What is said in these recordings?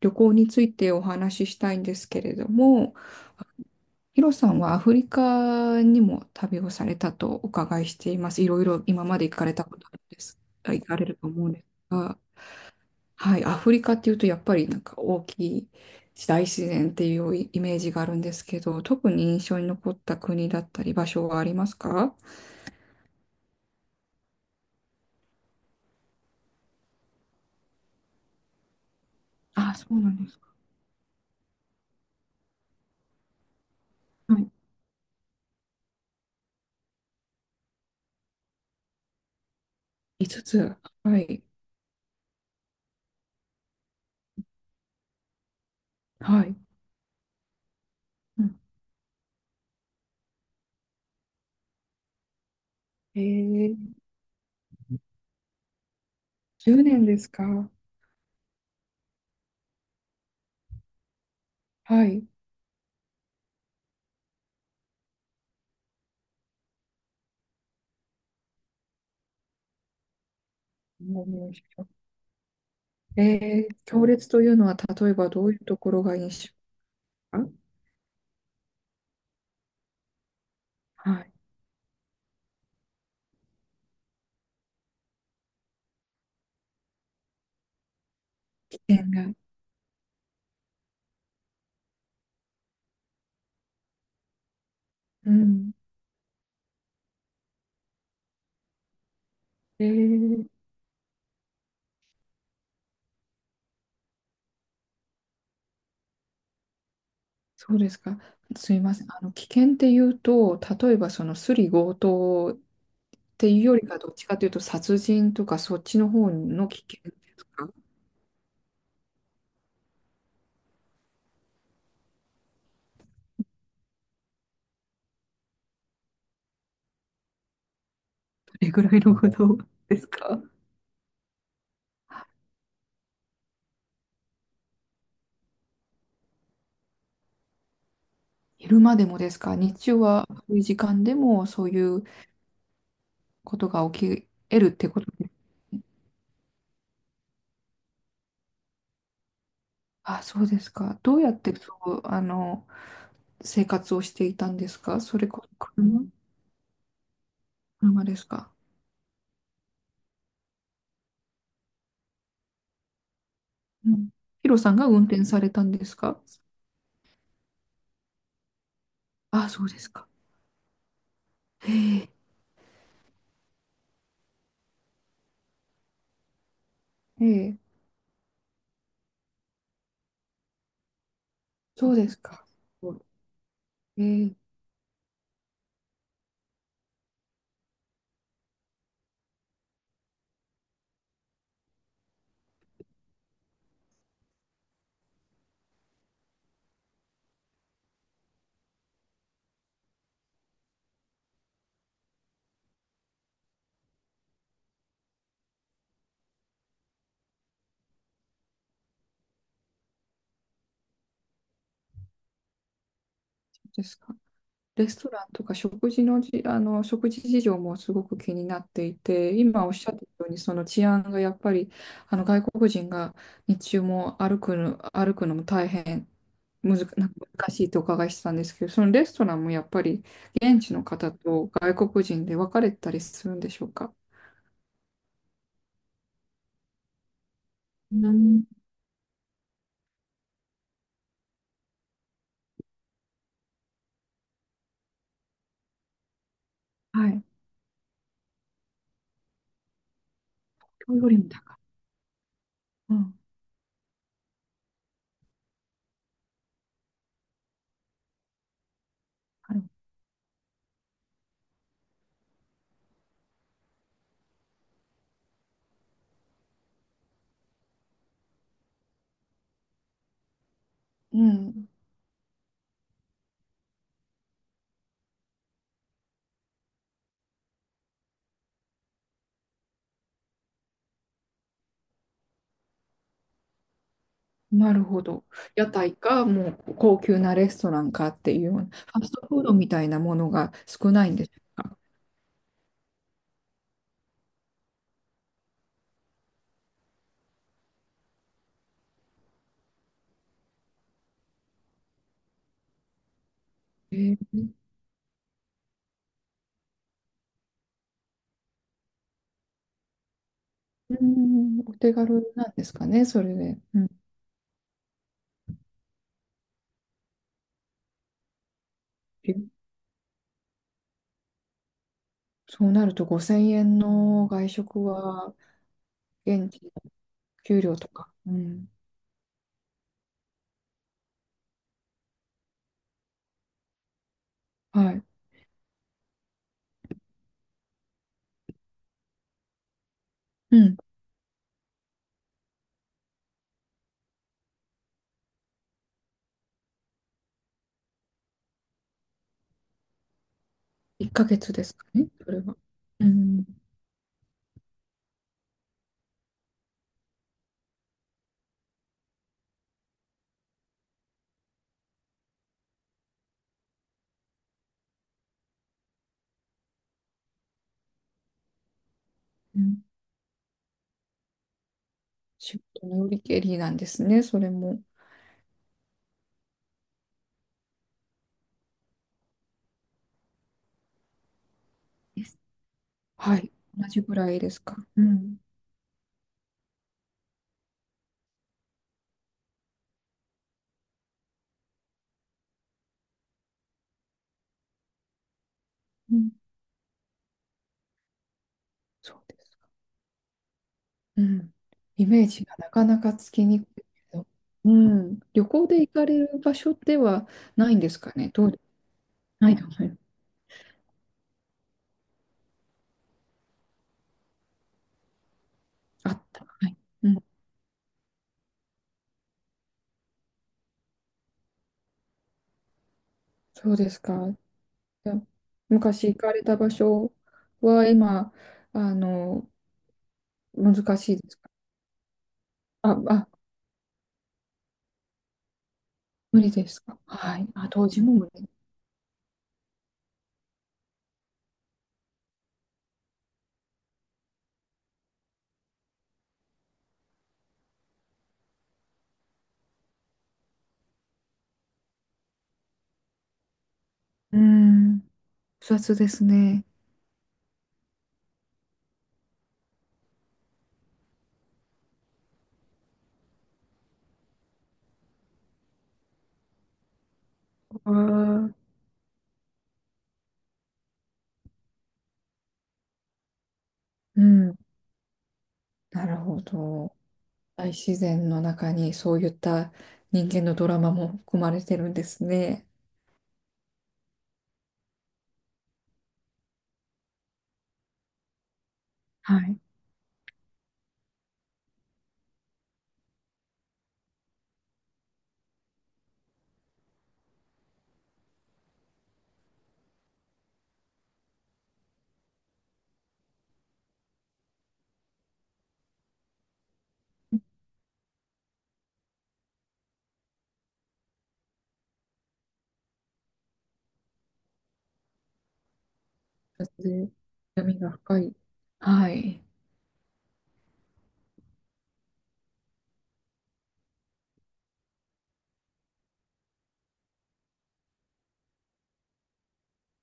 旅行についてお話ししたいんですけれども、ヒロさんはアフリカにも旅をされたとお伺いしています。いろいろ今まで行かれたことあるんです、あ、行かれると思うんですが、はい、アフリカっていうとやっぱりなんか大きい大自然っていうイメージがあるんですけど、特に印象に残った国だったり場所はありますか？あ、そうなんですか。はい。5つ。はい。はい。うん、えー、10年ですか？はい。強烈というのは、例えばどういうところが印象か？はい、危険が。うん。えー、そうですか。すいません。危険っていうと、例えばそのスリ強盗っていうよりか、どっちかというと殺人とかそっちの方の危険ですか？どれぐらいのことですか？昼間でもですか？日中は、そういう時間でもそういうことが起き得るってことですね？あ、そうですか。どうやってそう、生活をしていたんですか？それこそ車。車ですか？うん、ヒロさんが運転されたんですか？あ、そうですか。へえ、へえ、そうですか。ええ、そうですか。レストランとか食事のじ、あの、食事事情もすごく気になっていて、今おっしゃったように、その治安がやっぱり、外国人が日中も歩くのも大変むず、なんか難しいとお伺いしたんですけど、そのレストランもやっぱり現地の方と外国人で分かれたりするんでしょうか？うん、はい。今日よりも高い。うん、はい、うん。なるほど。屋台か、もう高級なレストランかっていうような、ファストフードみたいなものが少ないんですか？えー、うん、お手軽なんですかね、それで。うん、えそうなると5000円の外食は、現地の給料とか、うん、はい、うん、1ヶ月ですかね、それは。うん、うん、仕事のよりけりなんですね、それも。はい、同じぐらいですか？うん、うん、そうです。うん、イメージがなかなかつきにくいけど、うん、旅行で行かれる場所ではないんですかね。どう、ないかな。あった。はい。うん、そうですか。じゃあ昔行かれた場所は今、あの、難しいですか？あ、あ、無理ですか。はい。あ、当時も無理。うん、複雑ですね。ああ、うん、なるほど。大自然の中にそういった人間のドラマも含まれてるんですね。はい。それで闇が深い。はい。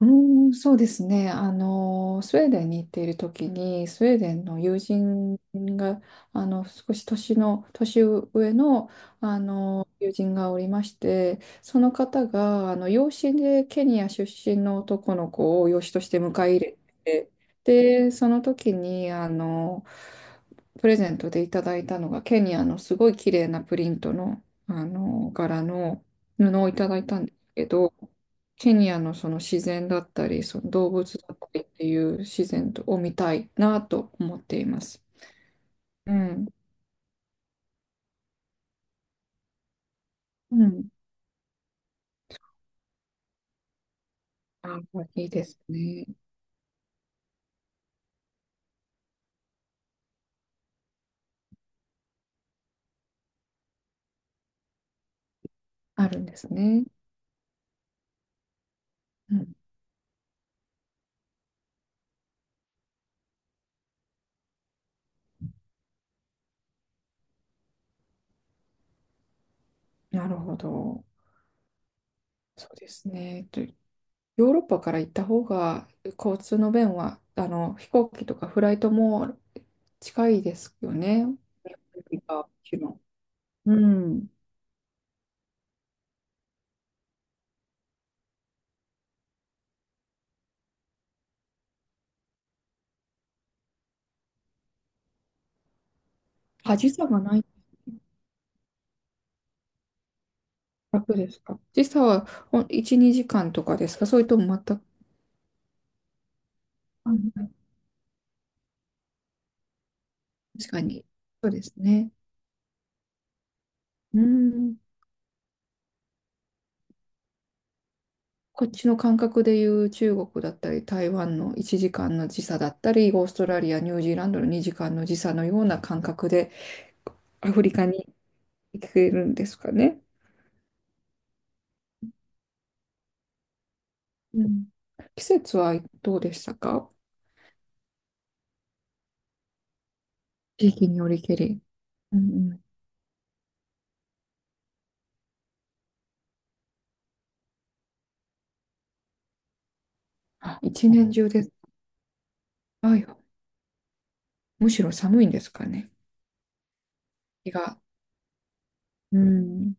うーん、そうですね。スウェーデンに行っている時に、スウェーデンの友人が、少し年上の、友人がおりまして、その方が、養子でケニア出身の男の子を養子として迎え入れて、で、その時に、プレゼントでいただいたのが、ケニアのすごい綺麗なプリントの、柄の布をいただいたんですけど、ケニアのその自然だったり、その動物だったりっていう自然を見たいなと思っています。うん。うん。あ、いいですね。あるんですね。うん。なるほど。そうですね。とヨーロッパから行った方が交通の便は、飛行機とかフライトも近いですよね。日本よりはもちろん。うん。あ、時差がない。楽ですか？時差は1、2時間とかですか？それとも全く。確かに。そうですね。うん。こっちの感覚でいう中国だったり、台湾の1時間の時差だったり、オーストラリア、ニュージーランドの2時間の時差のような感覚で、アフリカに行けるんですかね。うん。季節はどうでしたか？地域によりけり。うんうん。あ、一年中です。あ、むしろ寒いんですかね。日が。うん。